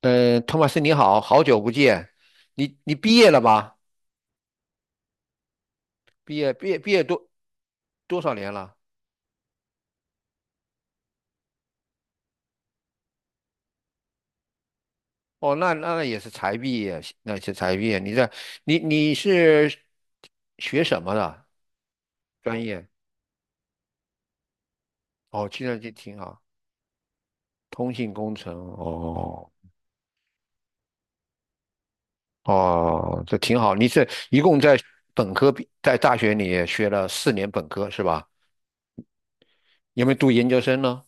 托马斯你好，好久不见。你毕业了吗？毕业多少年了？哦，那也是才毕业，那是才毕业。你在你你是学什么的专业？哦，计算机挺好。通信工程。哦哦，这挺好。你是一共在本科毕在大学里学了4年本科是吧？有没有读研究生呢？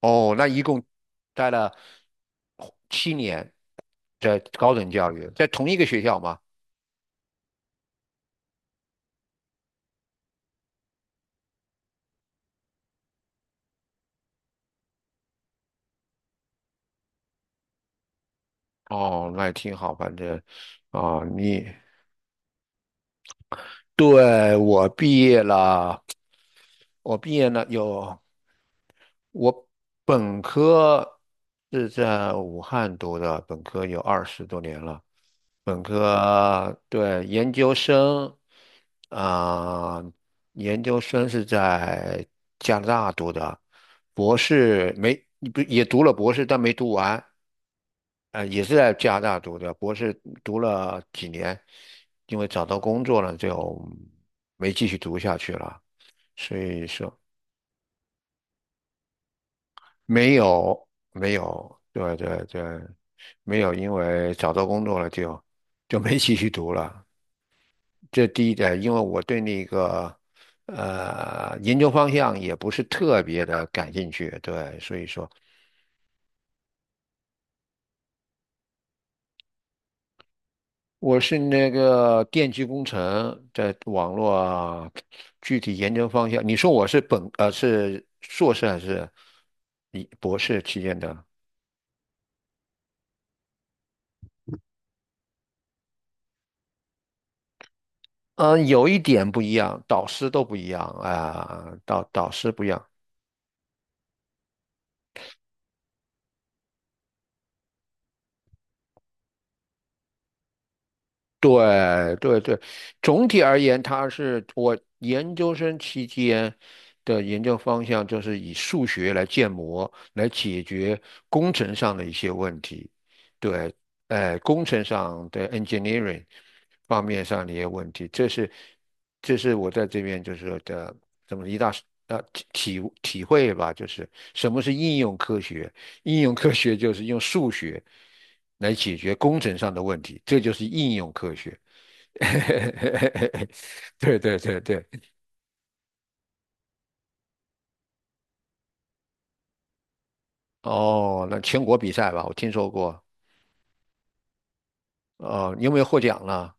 哦，那一共待了7年在高等教育，在同一个学校吗？哦，那也挺好。反正啊，对，我毕业了我毕业了有。我本科是在武汉读的，本科有二十多年了。对，啊、研究生是在加拿大读的。博士没不也读了博士，但没读完。呃，也是在加拿大读的。博士读了几年，因为找到工作了就没继续读下去了，所以说。没有，没有，对对对。没有，因为找到工作了就没继续读了。这第一点，因为我对那个研究方向也不是特别的感兴趣，对，所以说我是那个电气工程在网络啊具体研究方向。你说我是是硕士还是博士期间的？有一点不一样，导师都不一样啊，导师不一样。对对对，总体而言，它是我研究生期间的研究方向，就是以数学来建模，来解决工程上的一些问题。对。工程上的 engineering 方面上的一些问题。这是我在这边就是说的这么一大呃体会吧，就是什么是应用科学。应用科学就是用数学来解决工程上的问题，这就是应用科学。对对对对。哦，那全国比赛吧，我听说过。哦，你有没有获奖了？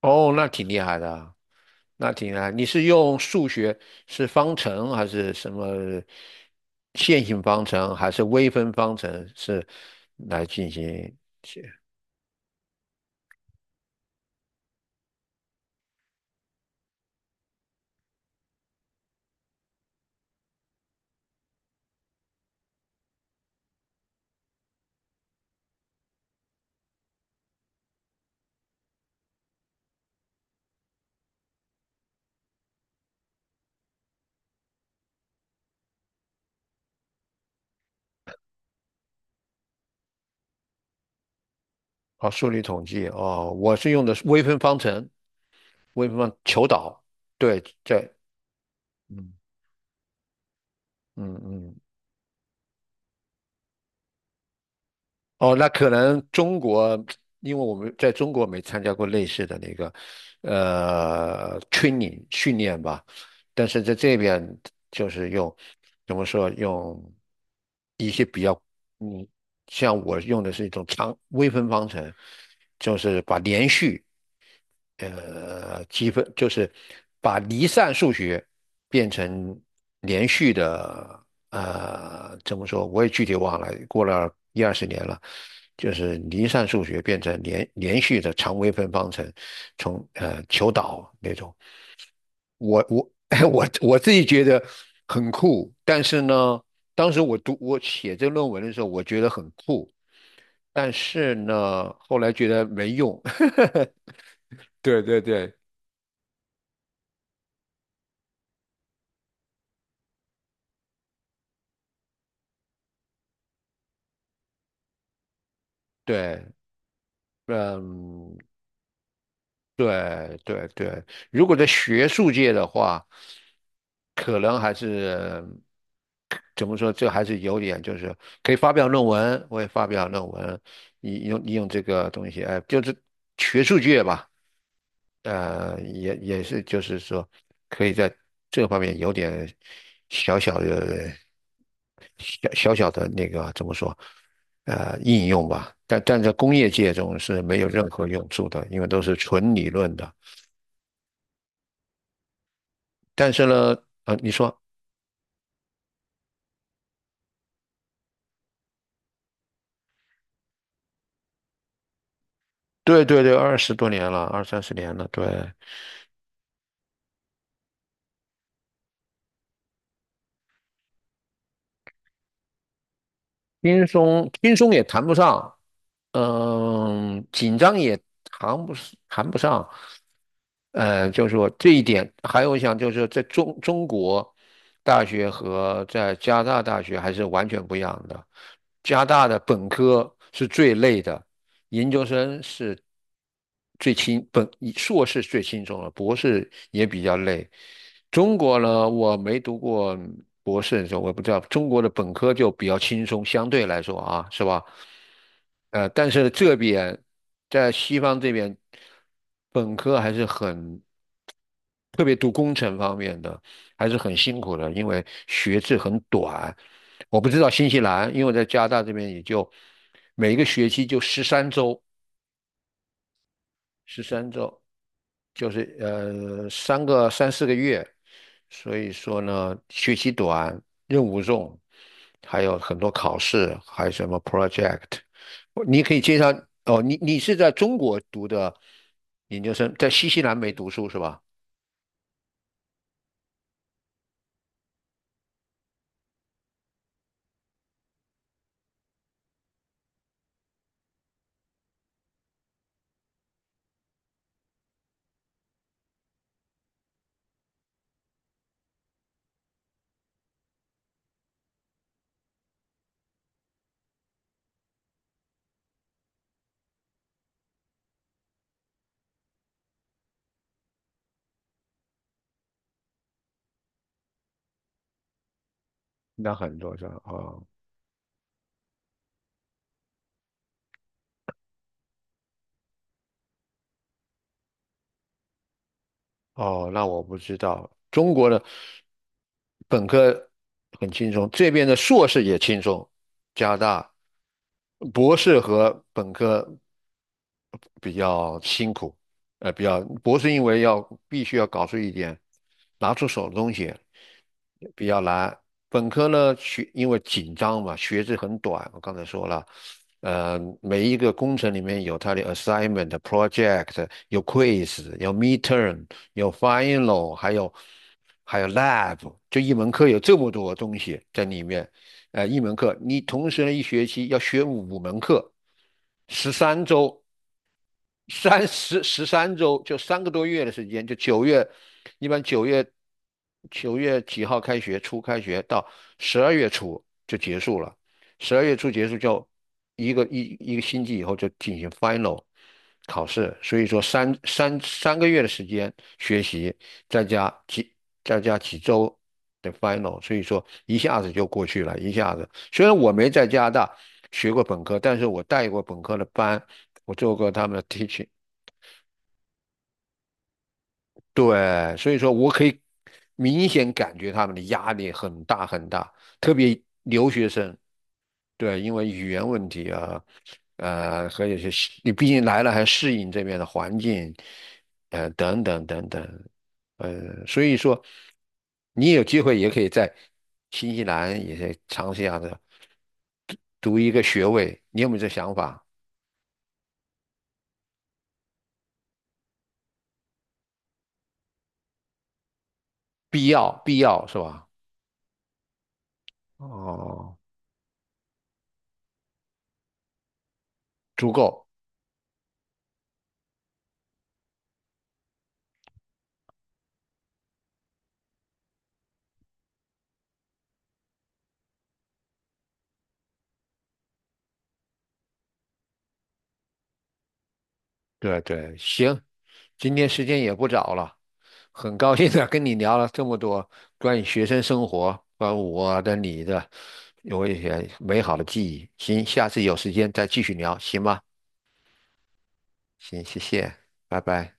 哦，那挺厉害的，那挺厉害。你是用数学，是方程还是什么线性方程，还是微分方程，是来进行？哦，数理统计哦，我是用的是微分方程，为什么求岛？对。嗯嗯嗯，哦，那可能中国，因为我们在中国没参加过类似的那个training 训练吧。但是在这边就是用怎么说用一些比较嗯，像我用的是一种长微分方程，就是把连续，积分，就是把离散数学变成连续的。呃，怎么说？我也具体忘了，过了一二十年了。就是离散数学变成连续的常微分方程，从求导那种。我 我自己觉得很酷，但是呢，当时我写这论文的时候，我觉得很酷，但是呢，后来觉得没用。对对对。对。嗯，对对对。如果在学术界的话，可能还是怎么说，这还是有点就是可以发表论文，我也发表论文，你用这个东西，哎，就是学术界吧。也是，就是说，可以在这方面有点小小的、小小的那个怎么说，应用吧。但在工业界中是没有任何用处的，因为都是纯理论的。但是呢，你说，对对对，二十多年了，二三十年了，对。轻松也谈不上，紧张也谈不上。就是说这一点，还有我想就是在中国大学和在加拿大大学还是完全不一样的。加拿大的本科是最累的。研究生是最轻本硕士最轻松了，博士也比较累。中国呢，我没读过博士的时候，我不知道，中国的本科就比较轻松，相对来说啊，是吧？但是这边在西方这边，本科还是很，特别读工程方面的还是很辛苦的，因为学制很短。我不知道新西兰，因为我在加拿大这边也就每一个学期就十三周。十三周，就是三四个月，所以说呢，学习短，任务重，还有很多考试，还有什么 project,你可以介绍。哦，你是在中国读的研究生，在新西兰没读书是吧？那很多是吧？哦哦，那我不知道，中国的本科很轻松，这边的硕士也轻松，加拿大。博士和本科比较辛苦。博士因为要必须要搞出一点拿出手的东西，比较难。本科呢，因为紧张嘛，学制很短，我刚才说了。每一个工程里面有它的 assignment、project,有 quiz,有 midterm,有 final,还有lab,就一门课有这么多东西在里面。一门课你同时呢一学期要学5门课，十三周。十三周，就3个多月的时间，就九月。一般九月几号开学，开学到十二月初就结束了，十二月初结束就一个星期以后就进行 final 考试，所以说三个月的时间学习，再加几再加几周的 final,所以说一下子就过去了，一下子。虽然我没在加拿大学过本科，但是我带过本科的班。我做过他们的 teaching。 对，所以说我可以明显感觉他们的压力很大很大，特别留学生，对，因为语言问题啊。和有些适你毕竟来了还适应这边的环境，等等等等。所以说你有机会也可以在新西兰也可以尝试一下的，读一个学位，你有没有这想法？必要，必要是吧？哦，足够。对对，行。今天时间也不早了，很高兴的跟你聊了这么多关于学生生活，关于我的、你的，有一些美好的记忆。行，下次有时间再继续聊，行吗？行，谢谢，拜拜。